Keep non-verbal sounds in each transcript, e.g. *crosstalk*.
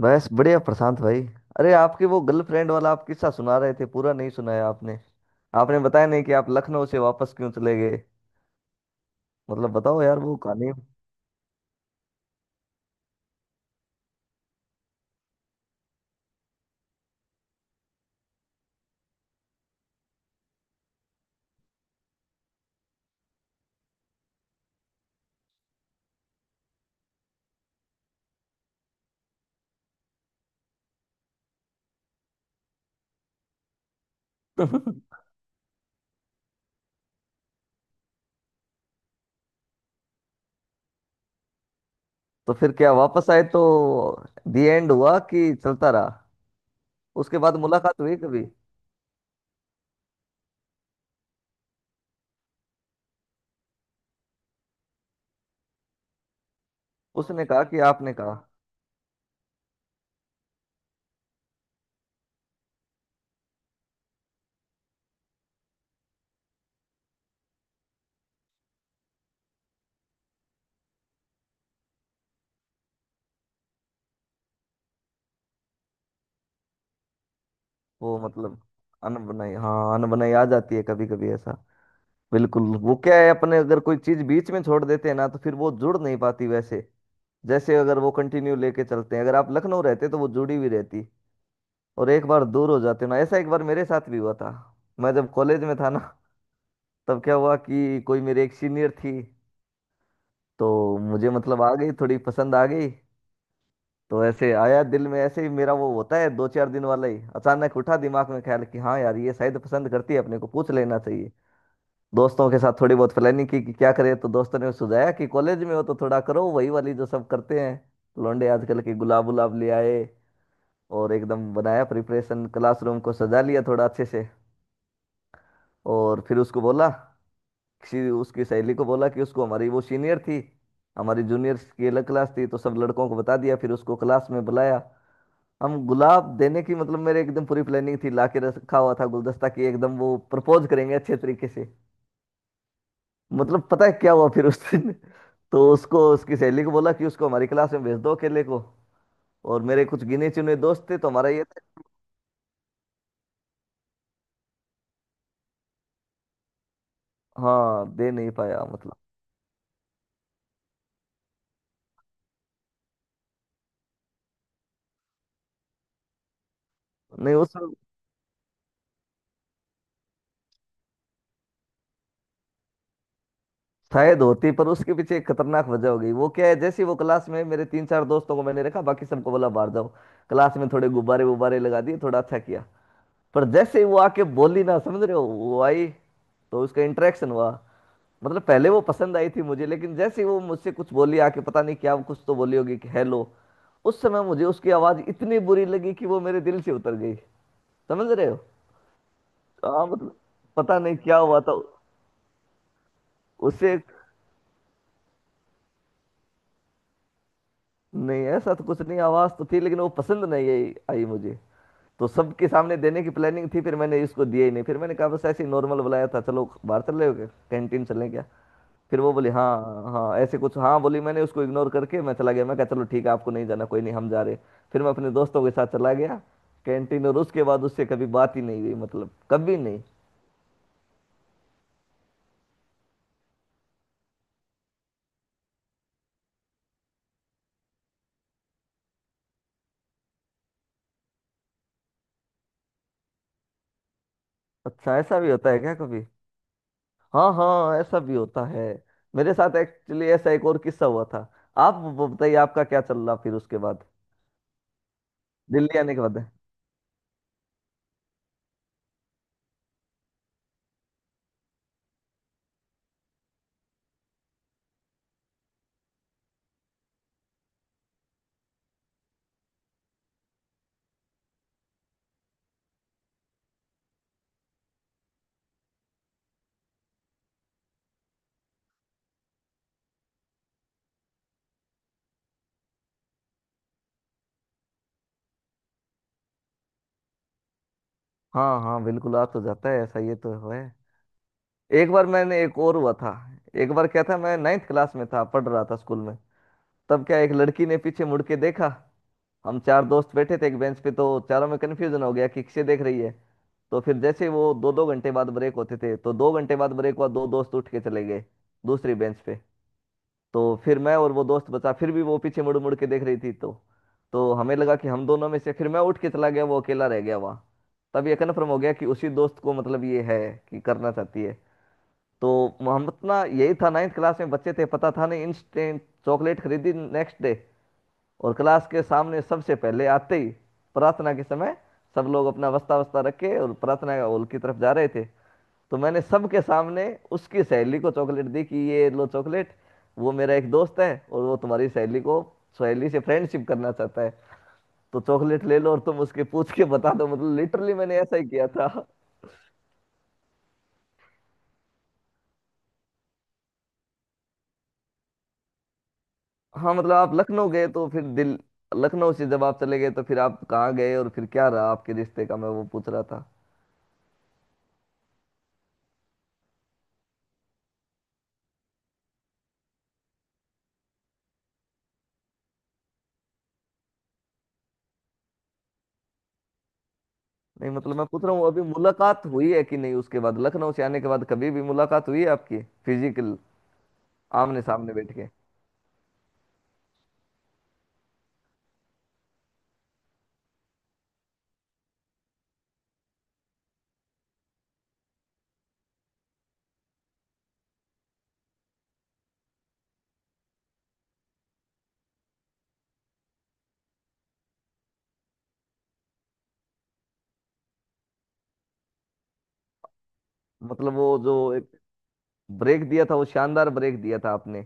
बस बढ़िया प्रशांत भाई। अरे आपके वो गर्लफ्रेंड वाला आप किस्सा सुना रहे थे पूरा नहीं सुनाया आपने। आपने बताया नहीं कि आप लखनऊ से वापस क्यों चले गए। मतलब बताओ यार वो कहानी। *laughs* तो फिर क्या वापस आए तो दी एंड हुआ कि चलता रहा। उसके बाद मुलाकात हुई कभी। उसने कहा कि आपने कहा। वो मतलब अनबनाई, हाँ अनबनाई आ जाती है कभी कभी ऐसा। बिल्कुल वो क्या है अपने अगर कोई चीज बीच में छोड़ देते हैं ना तो फिर वो जुड़ नहीं पाती वैसे। जैसे अगर वो कंटिन्यू लेके चलते हैं अगर आप लखनऊ रहते तो वो जुड़ी हुई रहती। और एक बार दूर हो जाते ना, ऐसा एक बार मेरे साथ भी हुआ था। मैं जब कॉलेज में था ना तब क्या हुआ कि कोई मेरी एक सीनियर थी। तो मुझे मतलब आ गई थोड़ी पसंद आ गई। तो ऐसे आया दिल में, ऐसे ही मेरा वो होता है दो चार दिन वाला ही, अचानक उठा दिमाग में ख्याल कि हाँ यार ये शायद पसंद करती है अपने को, पूछ लेना चाहिए। दोस्तों के साथ थोड़ी बहुत प्लानिंग की कि क्या करें, तो दोस्तों ने सुझाया कि कॉलेज में हो तो थोड़ा करो वही वाली जो सब करते हैं। लौंडे आजकल के गुलाब गुलाब ले आए। और एकदम बनाया प्रिपरेशन, क्लासरूम को सजा लिया थोड़ा अच्छे से। और फिर उसको बोला, किसी उसकी सहेली को बोला कि उसको, हमारी वो सीनियर थी, हमारी जूनियर की अलग क्लास थी, तो सब लड़कों को बता दिया, फिर उसको क्लास में बुलाया। हम गुलाब देने की मतलब मेरे एकदम पूरी प्लानिंग थी, लाके रखा हुआ था गुलदस्ता की एकदम वो प्रपोज करेंगे अच्छे तरीके से। मतलब पता है क्या हुआ फिर उस दिन। *laughs* तो उसको, उसकी सहेली को बोला कि उसको हमारी क्लास में भेज दो अकेले को। और मेरे कुछ गिने चुने दोस्त थे, तो हमारा ये था। हाँ दे नहीं पाया मतलब। नहीं उस, शायद होती, पर उसके पीछे एक खतरनाक वजह हो गई। वो क्या है, जैसे ही वो क्लास में, मेरे तीन चार दोस्तों को मैंने रखा, बाकी सबको बोला बाहर जाओ। क्लास में थोड़े गुब्बारे वुब्बारे लगा दिए थोड़ा अच्छा किया। पर जैसे ही वो आके बोली ना, समझ रहे हो, वो आई तो उसका इंटरेक्शन हुआ। मतलब पहले वो पसंद आई थी मुझे, लेकिन जैसे ही वो मुझसे कुछ बोली आके, पता नहीं क्या कुछ तो बोली होगी कि हेलो। उस समय मुझे उसकी आवाज इतनी बुरी लगी कि वो मेरे दिल से उतर गई। समझ रहे हो। हाँ मतलब पता नहीं क्या हुआ था उसे। नहीं ऐसा तो कुछ नहीं, आवाज तो थी, लेकिन वो पसंद नहीं आई आई मुझे। तो सबके सामने देने की प्लानिंग थी, फिर मैंने इसको दिया ही नहीं, फिर मैंने कहा बस ऐसे ही नॉर्मल बुलाया था, चलो बाहर चल रहे हो क्या, कैंटीन चलें क्या। फिर वो बोली हाँ हाँ ऐसे कुछ हाँ बोली, मैंने उसको इग्नोर करके मैं चला गया, मैं कहा चलो ठीक है आपको नहीं जाना कोई नहीं हम जा रहे। फिर मैं अपने दोस्तों के साथ चला गया कैंटीन, और उसके बाद उससे कभी बात ही नहीं हुई, मतलब कभी नहीं। अच्छा ऐसा भी होता है क्या कभी। हाँ हाँ ऐसा भी होता है। मेरे साथ एक्चुअली ऐसा एक और किस्सा हुआ था। आप वो बताइए आपका क्या चल रहा फिर उसके बाद, दिल्ली आने के बाद। हाँ हाँ बिल्कुल आ तो जाता है ऐसा, ये तो है। एक बार मैंने, एक और हुआ था। एक बार क्या था, मैं नाइन्थ क्लास में था, पढ़ रहा था स्कूल में। तब क्या, एक लड़की ने पीछे मुड़ के देखा। हम चार दोस्त बैठे थे एक बेंच पे, तो चारों में कन्फ्यूजन हो गया कि किसे देख रही है। तो फिर जैसे वो दो दो घंटे बाद ब्रेक होते थे, तो दो घंटे बाद ब्रेक हुआ, दो दोस्त उठ के चले गए दूसरी बेंच पे। तो फिर मैं और वो दोस्त बचा, फिर भी वो पीछे मुड़ मुड़ के देख रही थी, तो हमें लगा कि हम दोनों में से, फिर मैं उठ के चला गया, वो अकेला रह गया वहाँ। तब ये कन्फर्म हो गया कि उसी दोस्त को, मतलब ये है कि करना चाहती है तो। हम अपना यही था, नाइन्थ क्लास में बच्चे थे, पता था नहीं, इंस्टेंट चॉकलेट खरीदी नेक्स्ट डे। और क्लास के सामने सबसे पहले आते ही, प्रार्थना के समय, सब लोग अपना वस्ता वस्ता रखे और प्रार्थना के हॉल की तरफ जा रहे थे। तो मैंने सबके सामने उसकी सहेली को चॉकलेट दी कि ये लो चॉकलेट, वो मेरा एक दोस्त है और वो तुम्हारी सहेली को, सहेली से फ्रेंडशिप करना चाहता है, तो चॉकलेट ले लो और तुम उसके पूछ के बता दो। मतलब लिटरली मैंने ऐसा ही किया था। हाँ मतलब आप लखनऊ गए तो फिर दिल, लखनऊ से जब आप चले गए तो फिर आप कहाँ गए और फिर क्या रहा आपके रिश्ते का, मैं वो पूछ रहा था। नहीं मतलब मैं पूछ रहा हूँ अभी मुलाकात हुई है कि नहीं उसके बाद, लखनऊ से आने के बाद कभी भी मुलाकात हुई है आपकी फिजिकल, आमने सामने बैठ के। मतलब वो जो एक ब्रेक दिया था, वो शानदार ब्रेक दिया था आपने,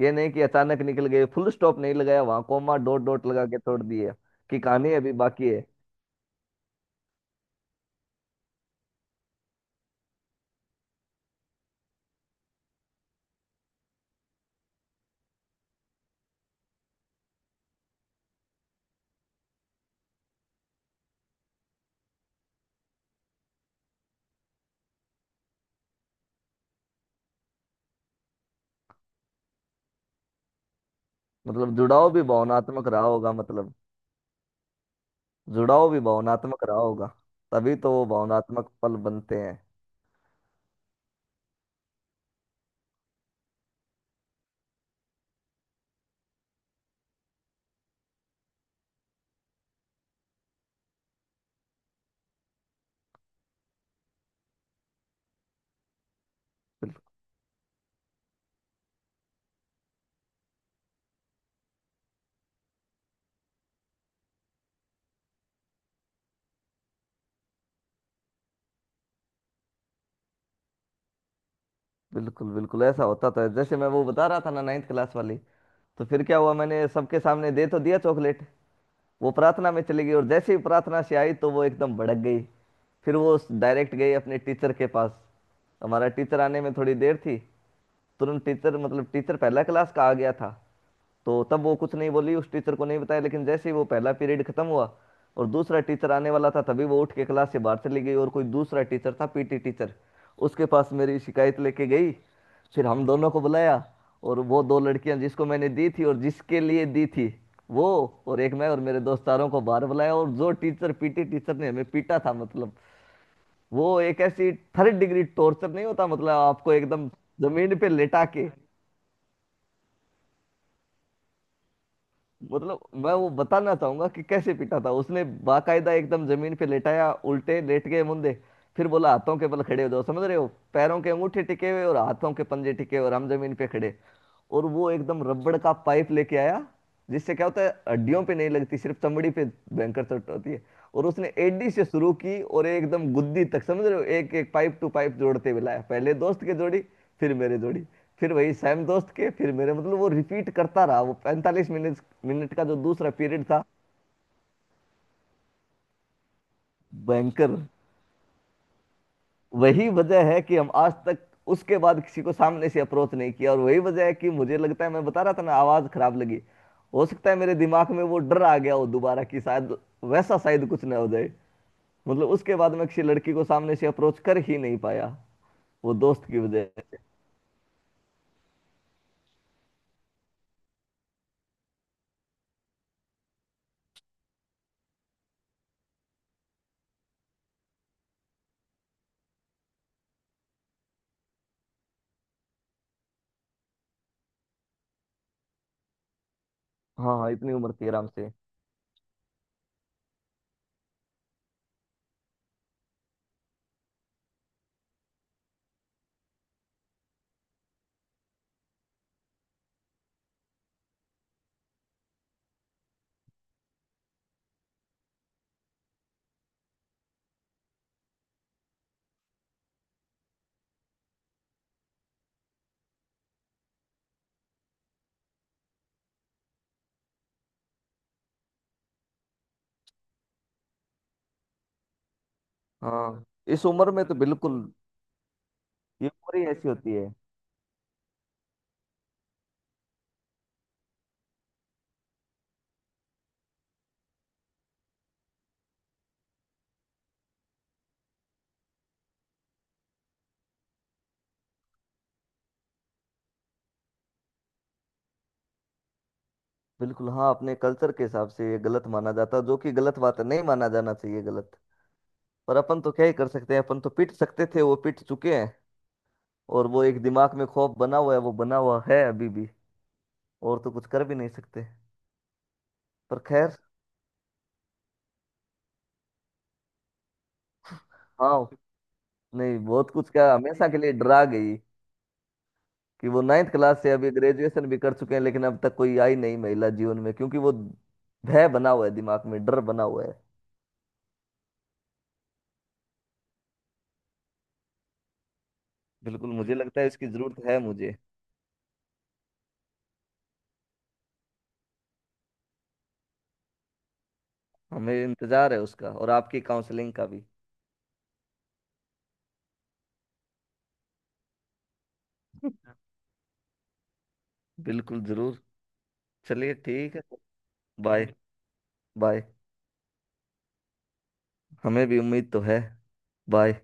ये नहीं कि अचानक निकल गए, फुल स्टॉप नहीं लगाया वहां, कोमा डॉट डॉट लगा के छोड़ दिए कि कहानी अभी बाकी है। मतलब जुड़ाव भी भावनात्मक रहा होगा, मतलब जुड़ाव भी भावनात्मक रहा होगा, तभी तो वो भावनात्मक पल बनते हैं। बिल्कुल बिल्कुल ऐसा होता था, जैसे मैं वो बता रहा था ना, नाइन्थ क्लास वाली। तो फिर क्या हुआ, मैंने सबके सामने दे तो दिया चॉकलेट। वो प्रार्थना में चली गई, और जैसे ही प्रार्थना से आई तो वो एकदम भड़क गई। फिर वो डायरेक्ट गई अपने टीचर के पास। हमारा टीचर आने में थोड़ी देर थी, तुरंत टीचर, मतलब टीचर, पहला क्लास का आ गया था। तो तब वो कुछ नहीं बोली, उस टीचर को नहीं बताया, लेकिन जैसे ही वो पहला पीरियड खत्म हुआ और दूसरा टीचर आने वाला था, तभी वो उठ के क्लास से बाहर चली गई, और कोई दूसरा टीचर था पीटी टीचर, उसके पास मेरी शिकायत लेके गई। फिर हम दोनों को बुलाया, और वो दो लड़कियां जिसको मैंने दी थी और जिसके लिए दी थी वो, और एक मैं और मेरे दोस्तारों को बाहर बुलाया, और जो टीचर पीटी टीचर ने हमें पीटा था, मतलब वो एक ऐसी, थर्ड डिग्री टॉर्चर नहीं होता, मतलब आपको एकदम जमीन पे लेटा के। मतलब मैं वो बताना चाहूंगा कि कैसे पीटा था उसने। बाकायदा एकदम जमीन पे लेटाया, उल्टे लेट गए मुंदे, फिर बोला हाथों के बल खड़े हो जाओ, समझ रहे हो, पैरों के अंगूठे टिके हुए और हाथों के पंजे टिके हुए और हम जमीन पे खड़े। और वो एकदम रबड़ का पाइप लेके आया, जिससे क्या होता है हड्डियों पे नहीं लगती, सिर्फ चमड़ी पे भयंकर चोट होती है। और उसने एडी से शुरू की और एकदम गुद्दी तक, समझ रहे हो, एक एक पाइप टू पाइप जोड़ते हुए लाया, पहले दोस्त के जोड़ी, फिर मेरे जोड़ी, फिर वही सैम दोस्त के, फिर मेरे, मतलब वो रिपीट करता रहा वो पैंतालीस मिनट मिनट का जो दूसरा पीरियड था। भयंकर। वही वजह है कि हम आज तक उसके बाद किसी को सामने से अप्रोच नहीं किया, और वही वजह है कि मुझे लगता है, मैं बता रहा था ना आवाज खराब लगी, हो सकता है मेरे दिमाग में वो डर आ गया हो दोबारा कि शायद वैसा शायद कुछ ना हो जाए। मतलब उसके बाद मैं किसी लड़की को सामने से अप्रोच कर ही नहीं पाया, वो दोस्त की वजह से। हाँ हाँ इतनी उम्र थी आराम से। हाँ इस उम्र में तो बिल्कुल, ये उम्र ही ऐसी होती है। बिल्कुल हाँ, अपने कल्चर के हिसाब से ये गलत माना जाता, जो कि गलत बात है, नहीं माना जाना चाहिए गलत। पर अपन तो क्या ही कर सकते हैं, अपन तो पीट सकते थे, वो पीट चुके हैं। और वो एक दिमाग में खौफ बना हुआ है, वो बना हुआ है अभी भी, और तो कुछ कर भी नहीं सकते। पर खैर, हाँ। नहीं बहुत कुछ क्या, हमेशा के लिए डरा गई कि वो नाइन्थ क्लास से अभी ग्रेजुएशन भी कर चुके हैं, लेकिन अब तक कोई आई नहीं महिला जीवन में, क्योंकि वो भय बना हुआ है दिमाग में, डर बना हुआ है। बिल्कुल मुझे लगता है इसकी जरूरत है मुझे। हमें इंतजार है उसका, और आपकी काउंसलिंग का भी। बिल्कुल जरूर। चलिए ठीक है। बाय। बाय। हमें भी उम्मीद तो है। बाय।